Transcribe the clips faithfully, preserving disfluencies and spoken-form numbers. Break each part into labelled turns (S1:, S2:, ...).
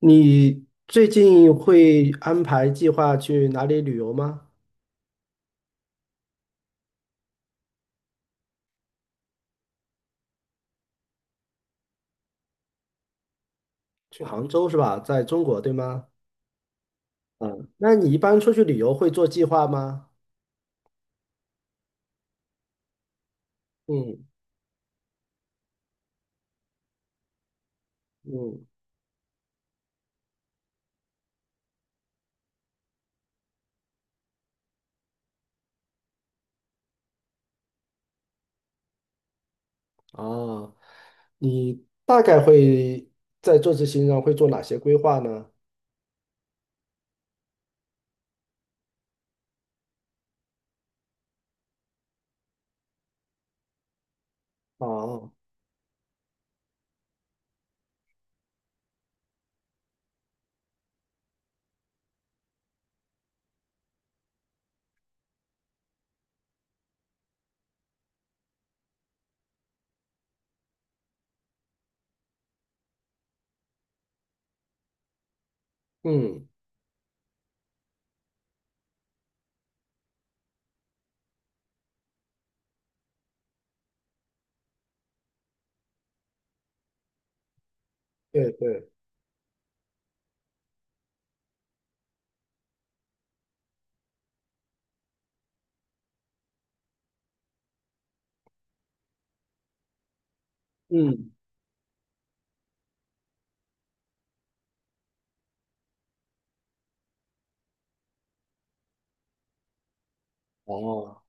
S1: 你最近会安排计划去哪里旅游吗？去杭州是吧？在中国，对吗？嗯，那你一般出去旅游会做计划吗？嗯嗯。哦，你大概会在这次行程上会做哪些规划呢？哦。嗯。对对。嗯。哦。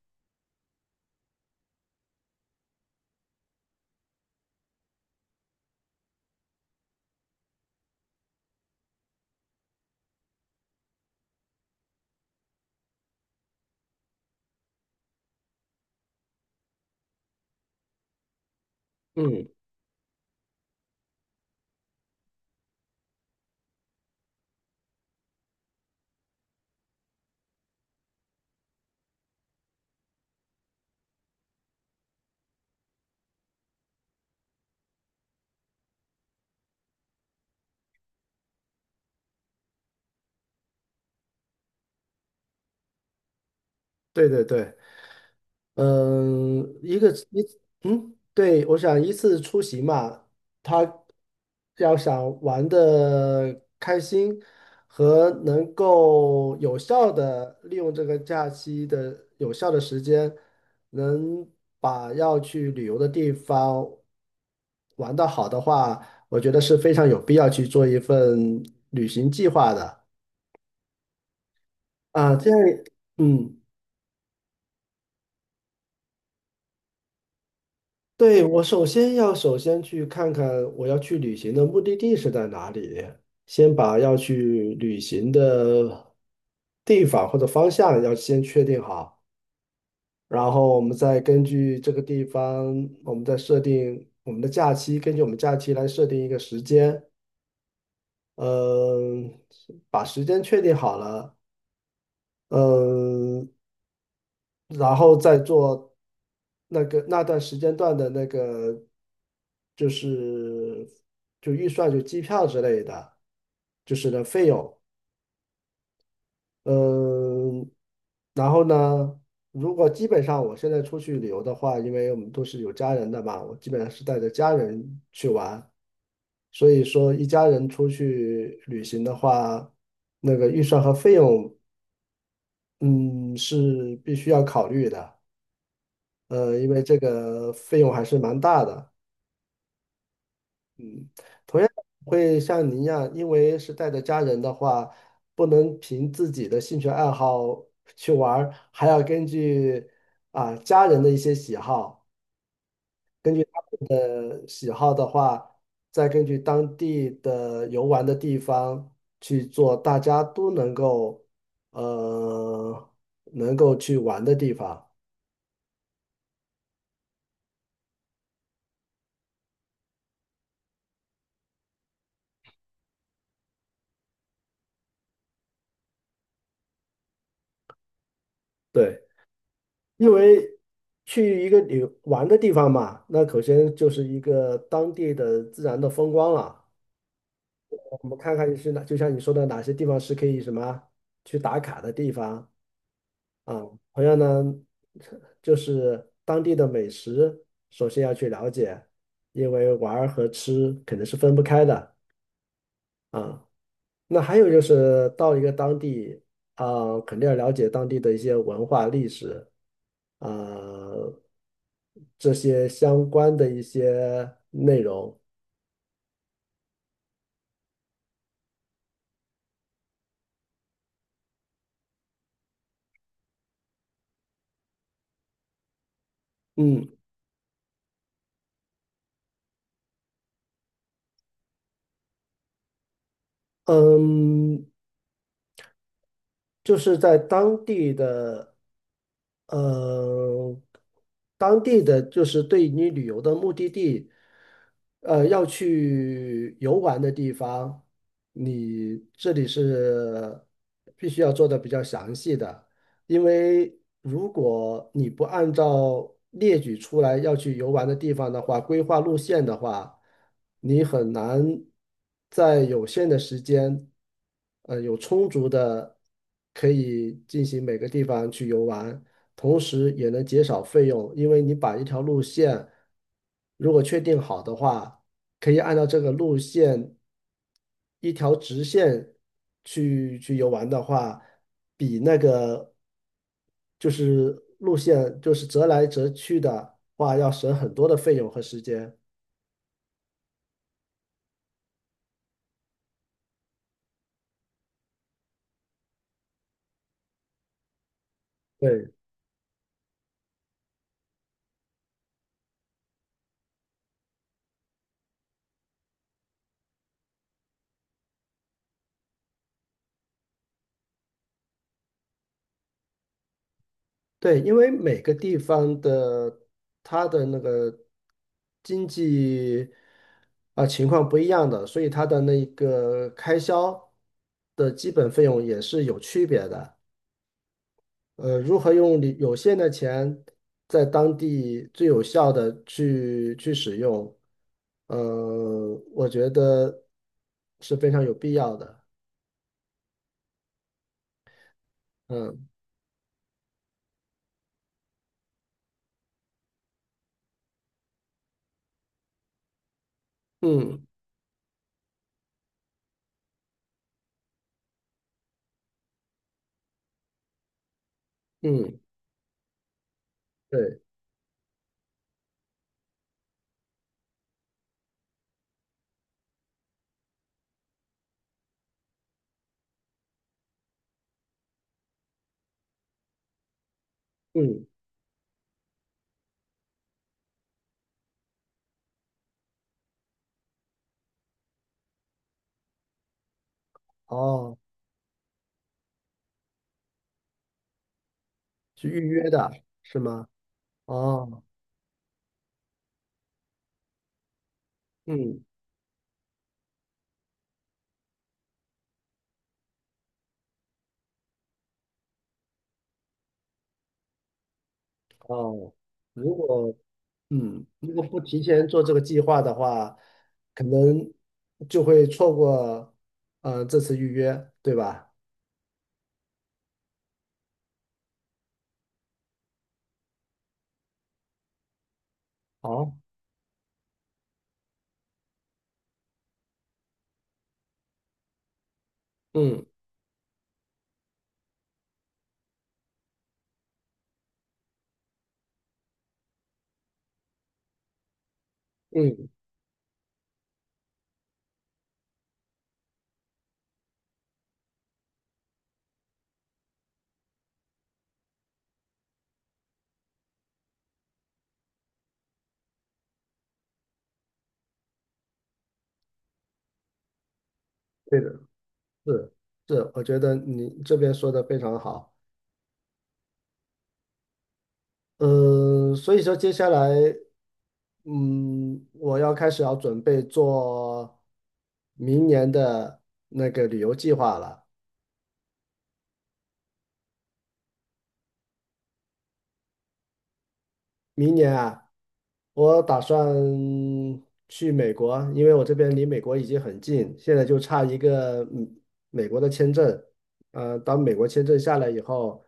S1: 嗯。对对对。嗯，一个一嗯，对，我想一次出行嘛，他要想玩的开心和能够有效的利用这个假期的有效的时间，能把要去旅游的地方玩得好的话，我觉得是非常有必要去做一份旅行计划的啊，这样，嗯。对，我首先要首先去看看我要去旅行的目的地是在哪里，先把要去旅行的地方或者方向要先确定好，然后我们再根据这个地方，我们再设定我们的假期，根据我们假期来设定一个时间，嗯，把时间确定好了，嗯，然后再做。那个那段时间段的那个就是就预算就机票之类的，就是的费用，嗯，然后呢，如果基本上我现在出去旅游的话，因为我们都是有家人的嘛，我基本上是带着家人去玩，所以说一家人出去旅行的话，那个预算和费用，嗯，是必须要考虑的，呃，因为这个费用还是蛮大的。同样会像您一样，因为是带着家人的话，不能凭自己的兴趣爱好去玩儿，还要根据啊家人的一些喜好，喜好的话，再根据当地的游玩的地方去做，大家都能够呃能够去玩的地方。对，因为去一个旅玩的地方嘛，那首先就是一个当地的自然的风光了。我们看看是哪，就像你说的，哪些地方是可以什么去打卡的地方啊？同样呢，就是当地的美食，首先要去了解，因为玩儿和吃肯定是分不开的啊。那还有就是到一个当地啊，肯定要了解当地的一些文化历史啊，这些相关的一些内容。嗯。嗯，就是在当地的，呃，当地的就是对你旅游的目的地，呃，要去游玩的地方，你这里是必须要做的比较详细的。因为如果你不按照列举出来要去游玩的地方的话，规划路线的话，你很难在有限的时间，呃，有充足的可以进行每个地方去游玩，同时也能减少费用，因为你把一条路线如果确定好的话。可以按照这个路线一条直线去去游玩的话，比那个就是路线就是折来折去的话，要省很多的费用和时间。对对，因为每个地方的它的那个经济啊、情况不一样的，所以它的那个开销的基本费用也是有区别的。呃，如何用你有限的钱在当地最有效的去去使用，呃，我觉得是非常有必要的。嗯嗯嗯。对。嗯。哦，去预约的是吗？哦。嗯。哦，如果嗯如果不提前做这个计划的话，可能就会错过呃这次预约，对吧？好。嗯嗯。对的。是是，我觉得你这边说的非常好。嗯，所以说接下来，嗯，我要开始要准备做明年的那个旅游计划了。明年啊，我打算去美国，因为我这边离美国已经很近，现在就差一个嗯美国的签证。呃，当美国签证下来以后，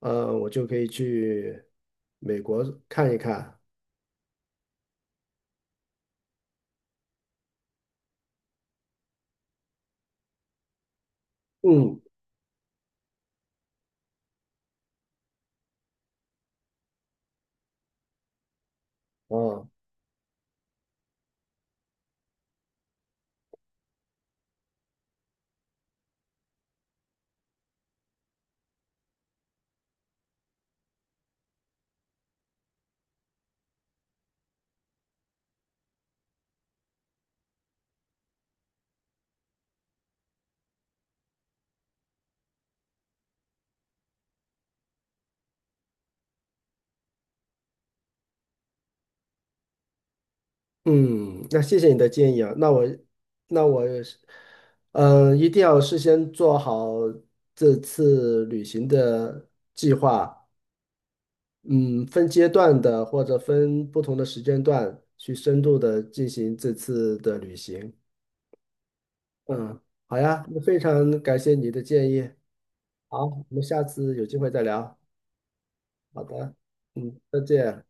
S1: 呃，我就可以去美国看一看。嗯。哦。嗯，那谢谢你的建议啊。那我，那我嗯，一定要事先做好这次旅行的计划。嗯，分阶段的或者分不同的时间段去深度的进行这次的旅行。嗯，好呀，那非常感谢你的建议。好，我们下次有机会再聊。好的。嗯，再见。